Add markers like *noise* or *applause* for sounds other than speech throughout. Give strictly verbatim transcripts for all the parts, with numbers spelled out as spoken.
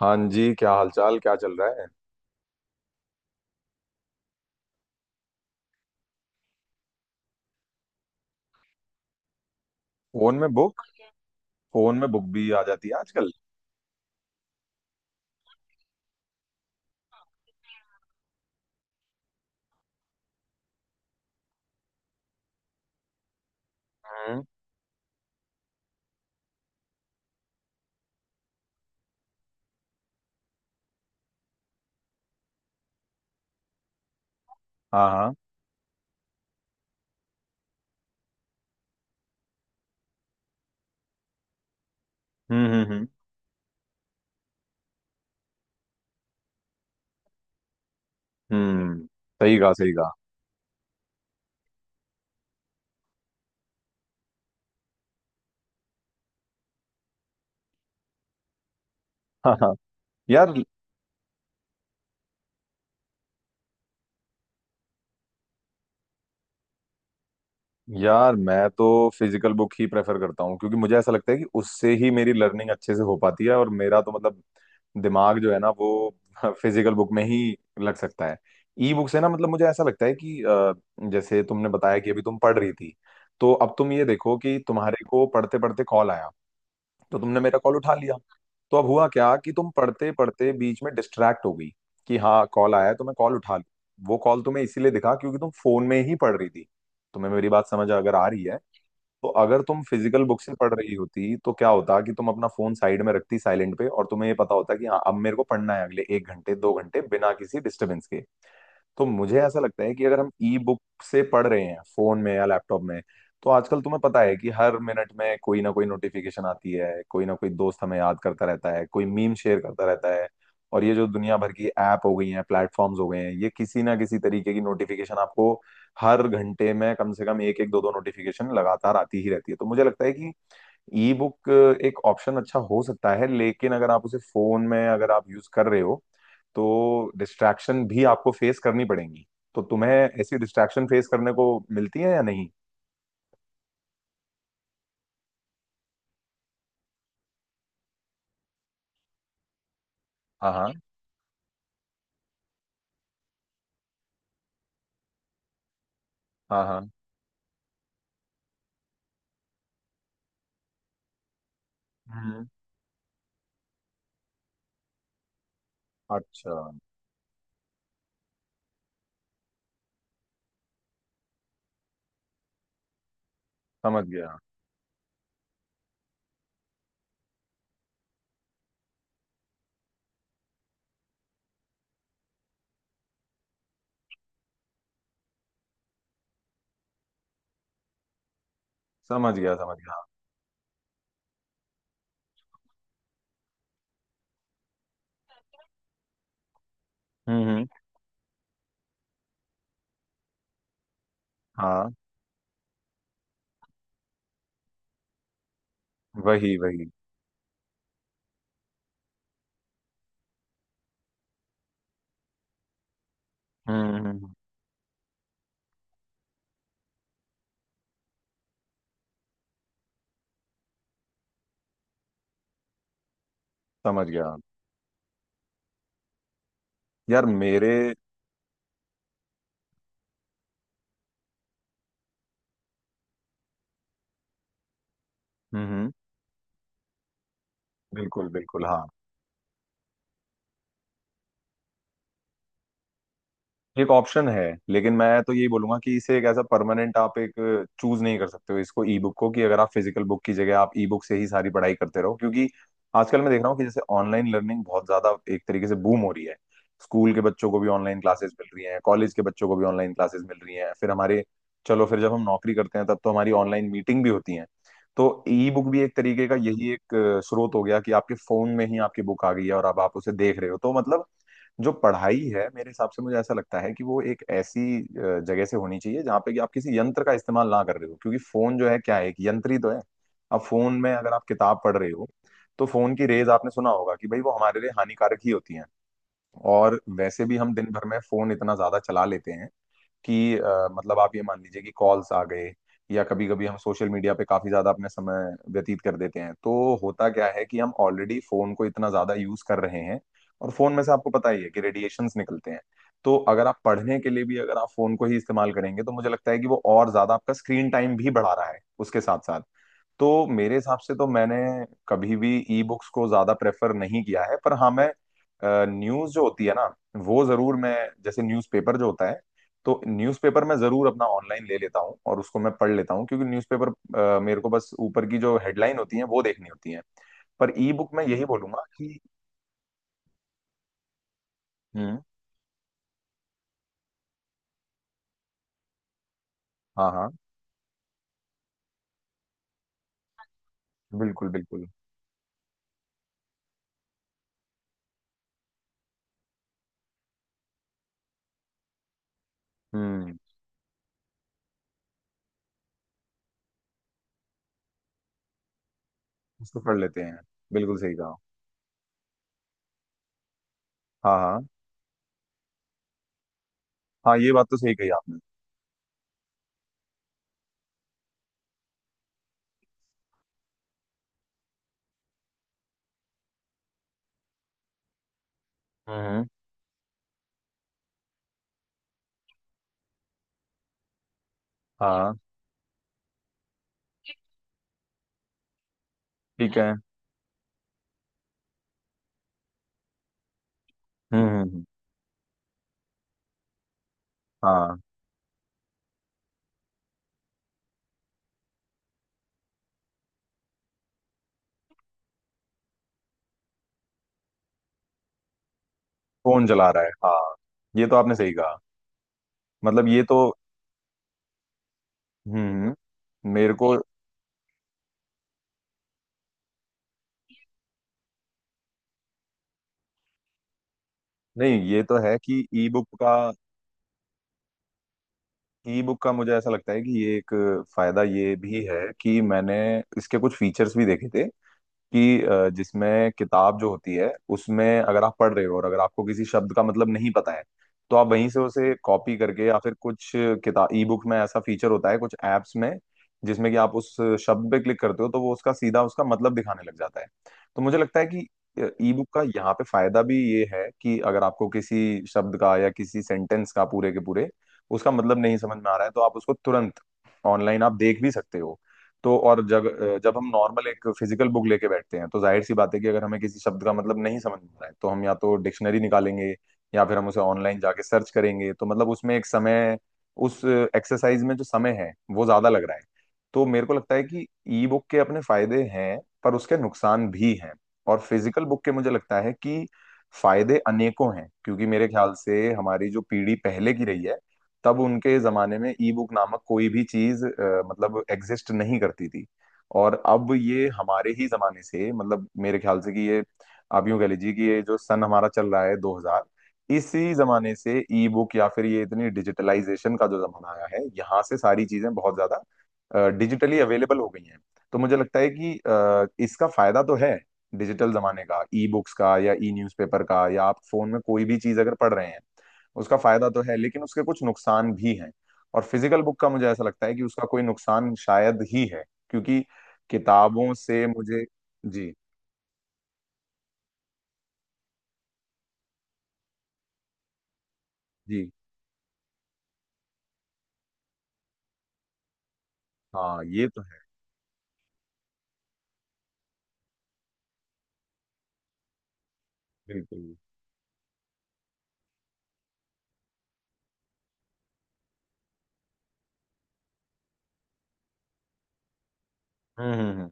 हाँ जी, क्या हालचाल? क्या चल रहा है? फोन में बुक फोन में बुक भी आ जाती है आजकल? हम्म। हाँ हाँ। हम्म हम्म हम्म हम्म। सही कहा, सही कहा। हाँ हाँ। यार। यार, मैं तो फिजिकल बुक ही प्रेफर करता हूँ क्योंकि मुझे ऐसा लगता है कि उससे ही मेरी लर्निंग अच्छे से हो पाती है। और मेरा तो मतलब दिमाग जो है ना वो *laughs* फिजिकल बुक में ही लग सकता है। ई बुक से ना मतलब मुझे ऐसा लगता है कि अ, जैसे तुमने बताया कि अभी तुम पढ़ रही थी। तो अब तुम ये देखो कि तुम्हारे को पढ़ते पढ़ते कॉल आया, तो तुमने मेरा कॉल उठा लिया। तो अब हुआ क्या कि तुम पढ़ते पढ़ते बीच में डिस्ट्रैक्ट हो गई कि हाँ कॉल आया है तो मैं कॉल उठा लूँ। वो कॉल तुम्हें इसीलिए दिखा क्योंकि तुम फोन में ही पढ़ रही थी। तुम्हें मेरी बात समझ अगर आ रही है तो अगर तुम फिजिकल बुक से पढ़ रही होती तो क्या होता कि तुम अपना फोन साइड में रखती साइलेंट पे, और तुम्हें ये पता होता कि हाँ अब मेरे को पढ़ना है अगले एक घंटे दो घंटे बिना किसी डिस्टर्बेंस के। तो मुझे ऐसा लगता है कि अगर हम ई बुक से पढ़ रहे हैं फोन में या लैपटॉप में, तो आजकल तुम्हें पता है कि हर मिनट में कोई ना कोई नोटिफिकेशन आती है, कोई ना कोई दोस्त हमें याद करता रहता है, कोई मीम शेयर करता रहता है। और ये जो दुनिया भर की ऐप हो गई हैं, प्लेटफॉर्म्स हो गए हैं, ये किसी ना किसी तरीके की नोटिफिकेशन आपको हर घंटे में कम से कम एक एक दो दो नोटिफिकेशन लगातार आती ही रहती है। तो मुझे लगता है कि ई बुक एक ऑप्शन अच्छा हो सकता है, लेकिन अगर आप उसे फोन में अगर आप यूज कर रहे हो तो डिस्ट्रैक्शन भी आपको फेस करनी पड़ेंगी। तो तुम्हें ऐसी डिस्ट्रैक्शन फेस करने को मिलती है या नहीं? हाँ हाँ हाँ हाँ। हम्म। अच्छा। समझ गया, समझ गया, समझ गया। हम्म हम्म। हाँ। वही, वही। हम्म हम्म हम्म। समझ गया। यार मेरे। हम्म हम्म। बिल्कुल बिल्कुल। हाँ, एक ऑप्शन है। लेकिन मैं तो यही बोलूंगा कि इसे एक ऐसा परमानेंट आप एक चूज नहीं कर सकते हो इसको, ई बुक को, कि अगर आप फिजिकल बुक की जगह आप ई बुक से ही सारी पढ़ाई करते रहो। क्योंकि आजकल मैं देख रहा हूँ कि जैसे ऑनलाइन लर्निंग बहुत ज्यादा एक तरीके से बूम हो रही है। स्कूल के बच्चों को भी ऑनलाइन क्लासेस मिल रही हैं, कॉलेज के बच्चों को भी ऑनलाइन क्लासेस मिल रही हैं। फिर हमारे, चलो फिर जब हम नौकरी करते हैं तब तो हमारी ऑनलाइन मीटिंग भी होती हैं। तो ई बुक भी एक तरीके का यही एक अ, स्रोत हो गया कि आपके फोन में ही आपकी बुक आ गई है और अब आप उसे देख रहे हो। तो मतलब जो पढ़ाई है मेरे हिसाब से, मुझे ऐसा लगता है कि वो एक ऐसी अ, जगह से होनी चाहिए जहाँ पे कि आप किसी यंत्र का इस्तेमाल ना कर रहे हो, क्योंकि फोन जो है क्या है, एक यंत्र ही तो है। अब फोन में अगर आप किताब पढ़ रहे हो, तो फोन की रेज आपने सुना होगा कि भाई वो हमारे लिए हानिकारक ही होती हैं। और वैसे भी हम दिन भर में फोन इतना ज्यादा चला लेते हैं कि अ, मतलब आप ये मान लीजिए कि कॉल्स आ गए, या कभी कभी हम सोशल मीडिया पे काफी ज्यादा अपने समय व्यतीत कर देते हैं। तो होता क्या है कि हम ऑलरेडी फोन को इतना ज्यादा यूज कर रहे हैं, और फोन में से आपको पता ही है कि रेडिएशंस निकलते हैं। तो अगर आप पढ़ने के लिए भी अगर आप फोन को ही इस्तेमाल करेंगे तो मुझे लगता है कि वो और ज्यादा आपका स्क्रीन टाइम भी बढ़ा रहा है उसके साथ साथ। तो मेरे हिसाब से तो मैंने कभी भी ई बुक्स को ज्यादा प्रेफर नहीं किया है। पर हाँ मैं न्यूज जो होती है ना वो जरूर मैं, जैसे न्यूज़पेपर जो होता है, तो न्यूज़पेपर मैं जरूर अपना ऑनलाइन ले लेता हूँ और उसको मैं पढ़ लेता हूँ क्योंकि न्यूज़पेपर मेरे को बस ऊपर की जो हेडलाइन होती है वो देखनी होती है। पर ई बुक मैं यही बोलूंगा कि हम्म। हाँ हाँ। बिल्कुल बिल्कुल। हम्म। उसको पढ़ लेते हैं। बिल्कुल सही कहा। हाँ हाँ। हाँ ये बात तो सही कही आपने। हम्म। हाँ। ठीक है। हम्म हम्म हम्म। हाँ, फोन चला रहा है। हाँ, ये तो आपने सही कहा। मतलब ये तो, हम्म, मेरे को। नहीं, ये तो है कि ई बुक का, ई बुक का मुझे ऐसा लगता है कि ये एक फायदा ये भी है कि मैंने इसके कुछ फीचर्स भी देखे थे कि अ, जिसमें किताब जो होती है उसमें अगर आप पढ़ रहे हो और अगर आपको किसी शब्द का मतलब नहीं पता है, तो आप वहीं से उसे कॉपी करके या फिर कुछ किताब ई बुक में ऐसा फीचर होता है कुछ ऐप्स में जिसमें कि आप उस शब्द पे क्लिक करते हो तो वो उसका सीधा उसका मतलब दिखाने लग जाता है। तो मुझे लगता है कि ई बुक का यहाँ पे फायदा भी ये है कि अगर आपको किसी शब्द का या किसी सेंटेंस का पूरे के पूरे उसका मतलब नहीं समझ में आ रहा है तो आप उसको तुरंत ऑनलाइन आप देख भी सकते हो। तो और जब जब हम नॉर्मल एक फिजिकल बुक लेके बैठते हैं तो जाहिर सी बात है कि अगर हमें किसी शब्द का मतलब नहीं समझ में आ रहा है तो हम या तो डिक्शनरी निकालेंगे या फिर हम उसे ऑनलाइन जाके सर्च करेंगे। तो मतलब उसमें एक समय, उस एक्सरसाइज में जो समय है वो ज्यादा लग रहा है। तो मेरे को लगता है कि ई बुक के अपने फायदे हैं पर उसके नुकसान भी हैं, और फिजिकल बुक के मुझे लगता है कि फायदे अनेकों हैं। क्योंकि मेरे ख्याल से हमारी जो पीढ़ी पहले की रही है, तब उनके जमाने में ई बुक नामक कोई भी चीज अ, मतलब एग्जिस्ट नहीं करती थी। और अब ये हमारे ही जमाने से, मतलब मेरे ख्याल से कि ये, आप यूं कह लीजिए कि ये जो सन हमारा चल रहा है दो हज़ार, इसी जमाने से ई बुक या फिर ये इतनी डिजिटलाइजेशन का जो जमाना आया है, यहाँ से सारी चीजें बहुत ज्यादा डिजिटली अवेलेबल हो गई हैं। तो मुझे लगता है कि अ, इसका फायदा तो है डिजिटल जमाने का, ई बुक्स का या ई न्यूज़पेपर का या आप फोन में कोई भी चीज अगर पढ़ रहे हैं, उसका फायदा तो है लेकिन उसके कुछ नुकसान भी हैं। और फिजिकल बुक का मुझे ऐसा लगता है कि उसका कोई नुकसान शायद ही है क्योंकि किताबों से मुझे। जी। जी। हाँ ये तो है। बिल्कुल। हम्म हम्म हम्म।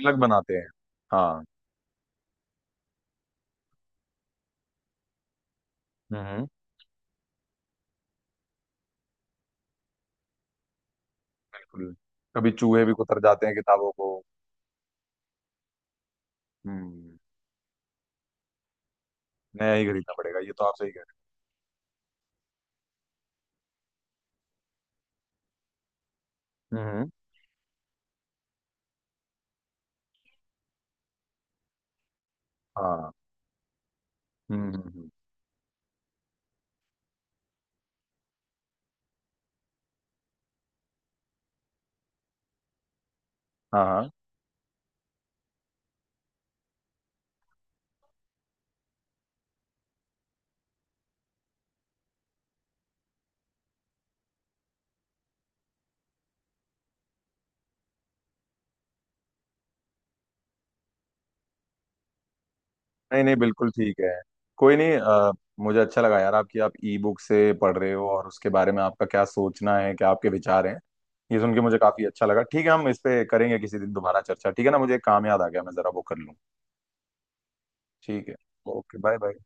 अलग बनाते हैं। हाँ। हम्म हम्म। बिल्कुल। कभी चूहे भी कुतर जाते हैं किताबों को। हम्म। नया ही खरीदना पड़ेगा, ये तो आप सही कह। रहे हैं हम्म हम्म। हाँ। हम्म हम्म हम्म। हाँ हाँ। नहीं नहीं, बिल्कुल ठीक है। कोई नहीं। अ, मुझे अच्छा लगा यार, आपकी, आप ई बुक से पढ़ रहे हो और उसके बारे में आपका क्या सोचना है, क्या आपके विचार हैं, ये सुन के मुझे काफी अच्छा लगा। ठीक है, हम इस पे करेंगे किसी दिन दोबारा चर्चा, ठीक है ना? मुझे एक काम याद आ गया, मैं जरा वो कर लूँ। ठीक है। Okay bye bye.